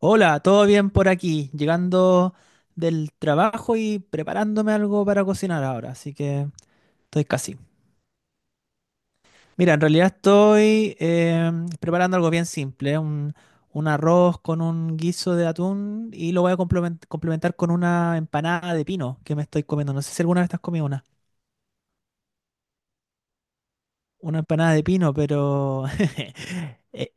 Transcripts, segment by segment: Hola, ¿todo bien por aquí? Llegando del trabajo y preparándome algo para cocinar ahora, así que estoy casi. Mira, en realidad estoy preparando algo bien simple, un arroz con un guiso de atún y lo voy a complementar con una empanada de pino que me estoy comiendo. No sé si alguna vez te has comido una empanada de pino, pero eh,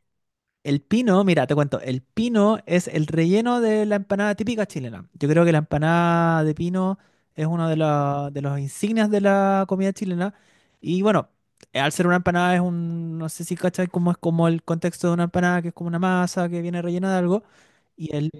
el pino, mira, te cuento, el pino es el relleno de la empanada típica chilena. Yo creo que la empanada de pino es de los insignias de la comida chilena. Y bueno, al ser una empanada es un, no sé si cachai cómo es como el contexto de una empanada, que es como una masa que viene rellena de algo. Y el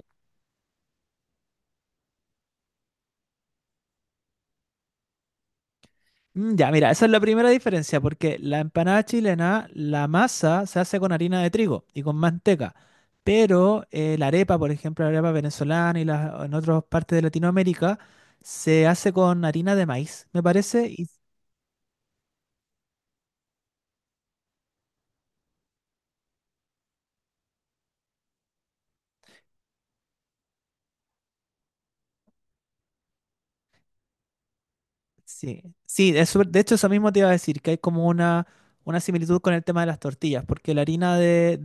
mm, ya, mira, esa es la primera diferencia, porque la empanada chilena, la masa se hace con harina de trigo y con manteca, pero la arepa, por ejemplo, la arepa venezolana en otras partes de Latinoamérica, se hace con harina de maíz, me parece, y sí, sí, es de hecho eso mismo te iba a decir, que hay como una similitud con el tema de las tortillas, porque la harina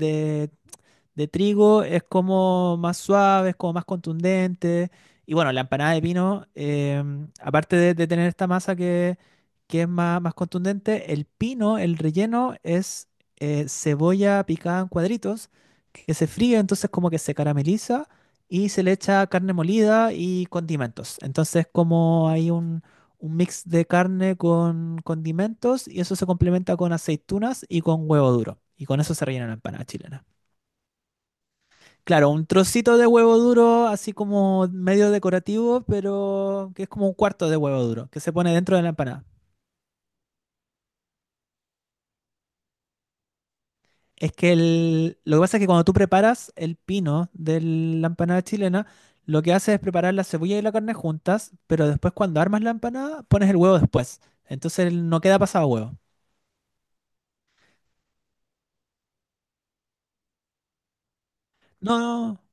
de trigo es como más suave, es como más contundente. Y bueno, la empanada de pino, aparte de tener esta que es más, más contundente, el pino, el relleno es cebolla picada en cuadritos que se fríe, entonces como que se carameliza y se le echa carne molida y condimentos. Entonces como hay un mix de carne con condimentos y eso se complementa con aceitunas y con huevo duro. Y con eso se rellena la empanada chilena. Claro, un trocito de huevo duro, así como medio decorativo, pero que es como un cuarto de huevo duro, que se pone dentro de la empanada. Es que lo que pasa es que cuando tú preparas el pino de la empanada chilena, lo que haces es preparar la cebolla y la carne juntas, pero después cuando armas la empanada, pones el huevo después. Entonces no queda pasado huevo. No, no,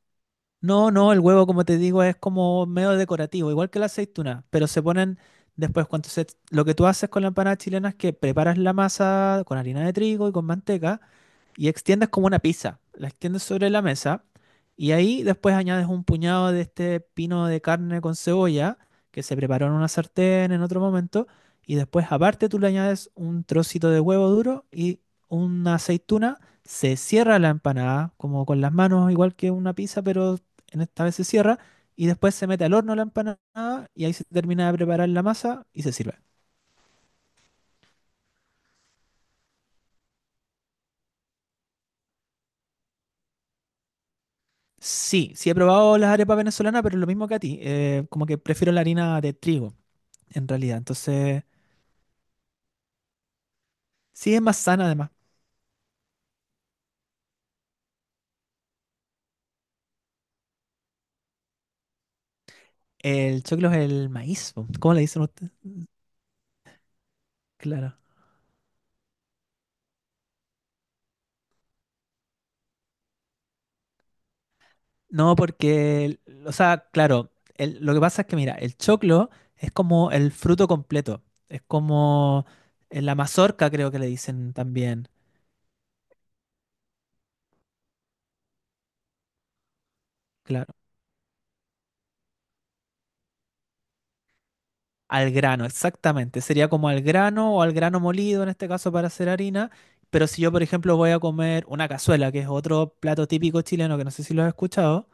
no, no, el huevo, como te digo, es como medio decorativo, igual que la aceituna, pero se ponen después cuando se... Lo que tú haces con la empanada chilena es que preparas la masa con harina de trigo y con manteca, y extiendes como una pizza. La extiendes sobre la mesa y ahí después añades un puñado de este pino de carne con cebolla que se preparó en una sartén en otro momento y después aparte tú le añades un trocito de huevo duro y una aceituna. Se cierra la empanada como con las manos igual que una pizza pero en esta vez se cierra y después se mete al horno la empanada y ahí se termina de preparar la masa y se sirve. Sí, sí he probado las arepas venezolanas, pero es lo mismo que a ti. Como que prefiero la harina de trigo. En realidad. Entonces, sí es más sana además. El choclo es el maíz, po. ¿Cómo le dicen ustedes? Claro. No, porque, o sea, claro, lo que pasa es que, mira, el choclo es como el fruto completo. Es como la mazorca, creo que le dicen también. Claro. Al grano, exactamente. Sería como al grano o al grano molido, en este caso, para hacer harina. Pero si yo, por ejemplo, voy a comer una cazuela, que es otro plato típico chileno que no sé si lo has escuchado,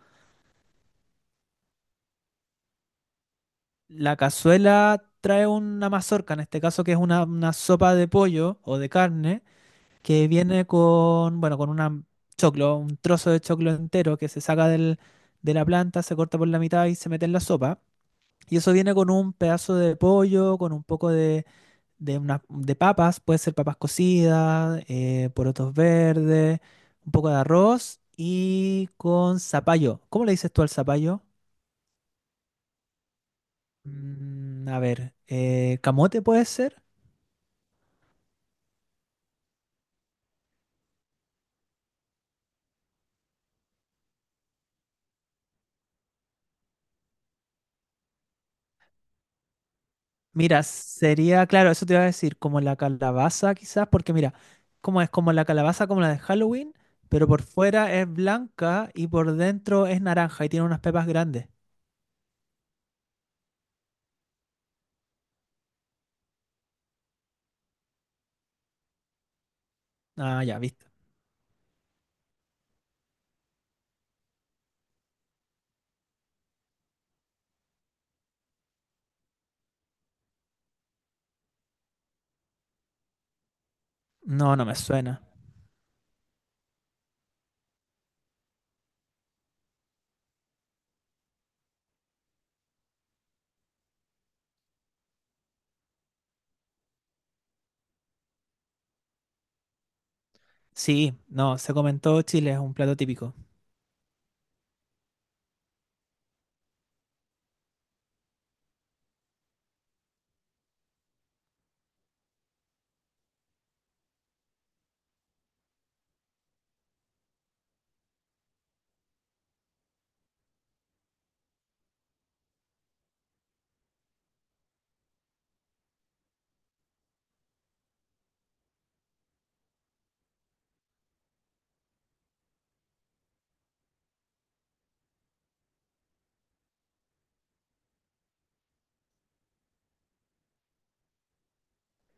la cazuela trae una mazorca, en este caso que es una sopa de pollo o de carne, que viene con, bueno, con una choclo, un trozo de choclo entero que se saca de la planta, se corta por la mitad y se mete en la sopa. Y eso viene con un pedazo de pollo, con un poco de papas, puede ser papas cocidas, porotos verdes, un poco de arroz y con zapallo. ¿Cómo le dices tú al zapallo? Mm, a ver, ¿camote puede ser? Mira, sería, claro, eso te iba a decir, como la calabaza quizás, porque mira, como es como la calabaza como la de Halloween, pero por fuera es blanca y por dentro es naranja y tiene unas pepas grandes. Ah, ya, viste. No, no me suena. Sí, no, se comentó Chile, es un plato típico.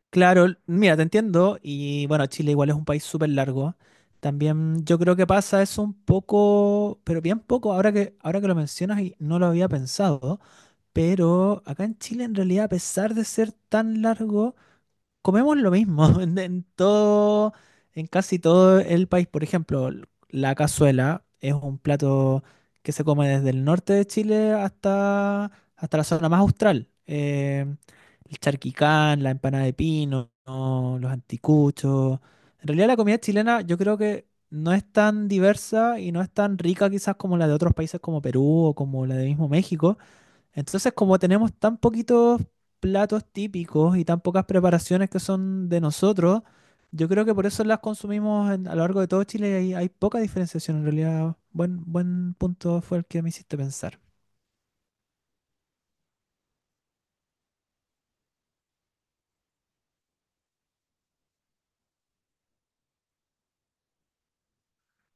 Claro, mira, te entiendo, y bueno, Chile igual es un país súper largo. También yo creo que pasa eso un poco, pero bien poco, ahora que lo mencionas y no lo había pensado. Pero acá en Chile, en realidad, a pesar de ser tan largo, comemos lo mismo en todo, en casi todo el país. Por ejemplo, la cazuela es un plato que se come desde el norte de Chile hasta la zona más austral. El charquicán, la empanada de pino, ¿no? Los anticuchos. En realidad, la comida chilena yo creo que no es tan diversa y no es tan rica quizás como la de otros países como Perú o como la de mismo México entonces, como tenemos tan poquitos platos típicos y tan pocas preparaciones que son de nosotros, yo creo que por eso las consumimos a lo largo de todo Chile y hay poca diferenciación en realidad. Buen punto fue el que me hiciste pensar.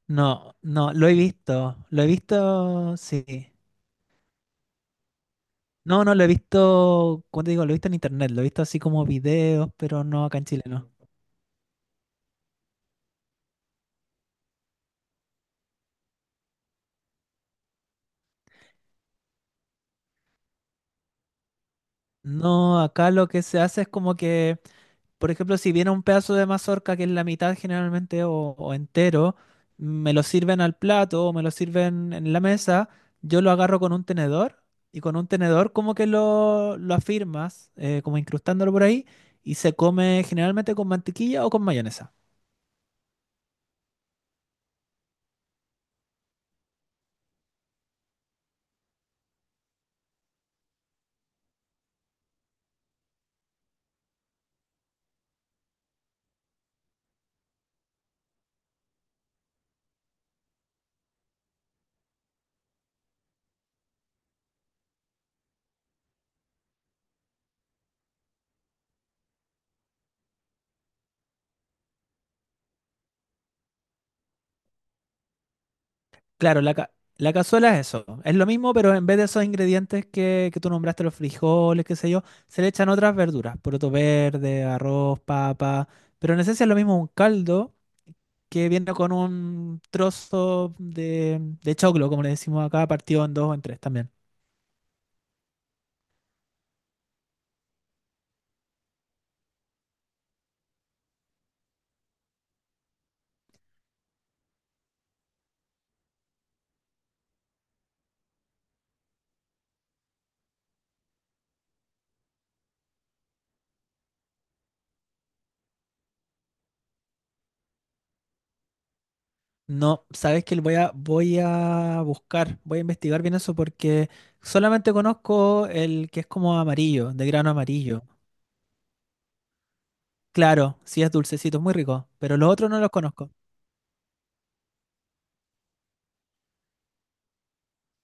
No, no, lo he visto, sí. No, no, lo he visto, ¿cómo te digo? Lo he visto en internet, lo he visto así como videos, pero no acá en Chile, no. No, acá lo que se hace es como que por ejemplo, si viene un pedazo de mazorca que es la mitad generalmente o entero, me lo sirven al plato o me lo sirven en la mesa, yo lo agarro con un tenedor y con un tenedor como que lo afirmas, como incrustándolo por ahí, y se come generalmente con mantequilla o con mayonesa. Claro, la cazuela es eso. Es lo mismo, pero en vez de esos ingredientes que tú nombraste, los frijoles, qué sé yo, se le echan otras verduras, poroto verde, arroz, papa. Pero en esencia es lo mismo un caldo que viene con un trozo de choclo, como le decimos acá, partido en dos o en tres también. No, sabes que voy a buscar, voy a investigar bien eso porque solamente conozco el que es como amarillo, de grano amarillo. Claro, sí es dulcecito, es muy rico, pero los otros no los conozco.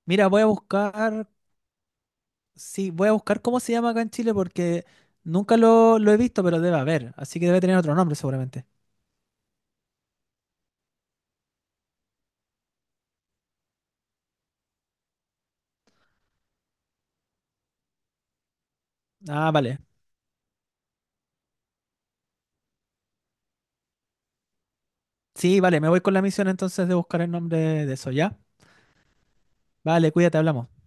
Mira, voy a buscar, sí, voy a buscar cómo se llama acá en Chile porque nunca lo he visto, pero debe haber, así que debe tener otro nombre seguramente. Ah, vale. Sí, vale, me voy con la misión entonces de buscar el nombre de eso, ¿ya? Vale, cuídate, hablamos.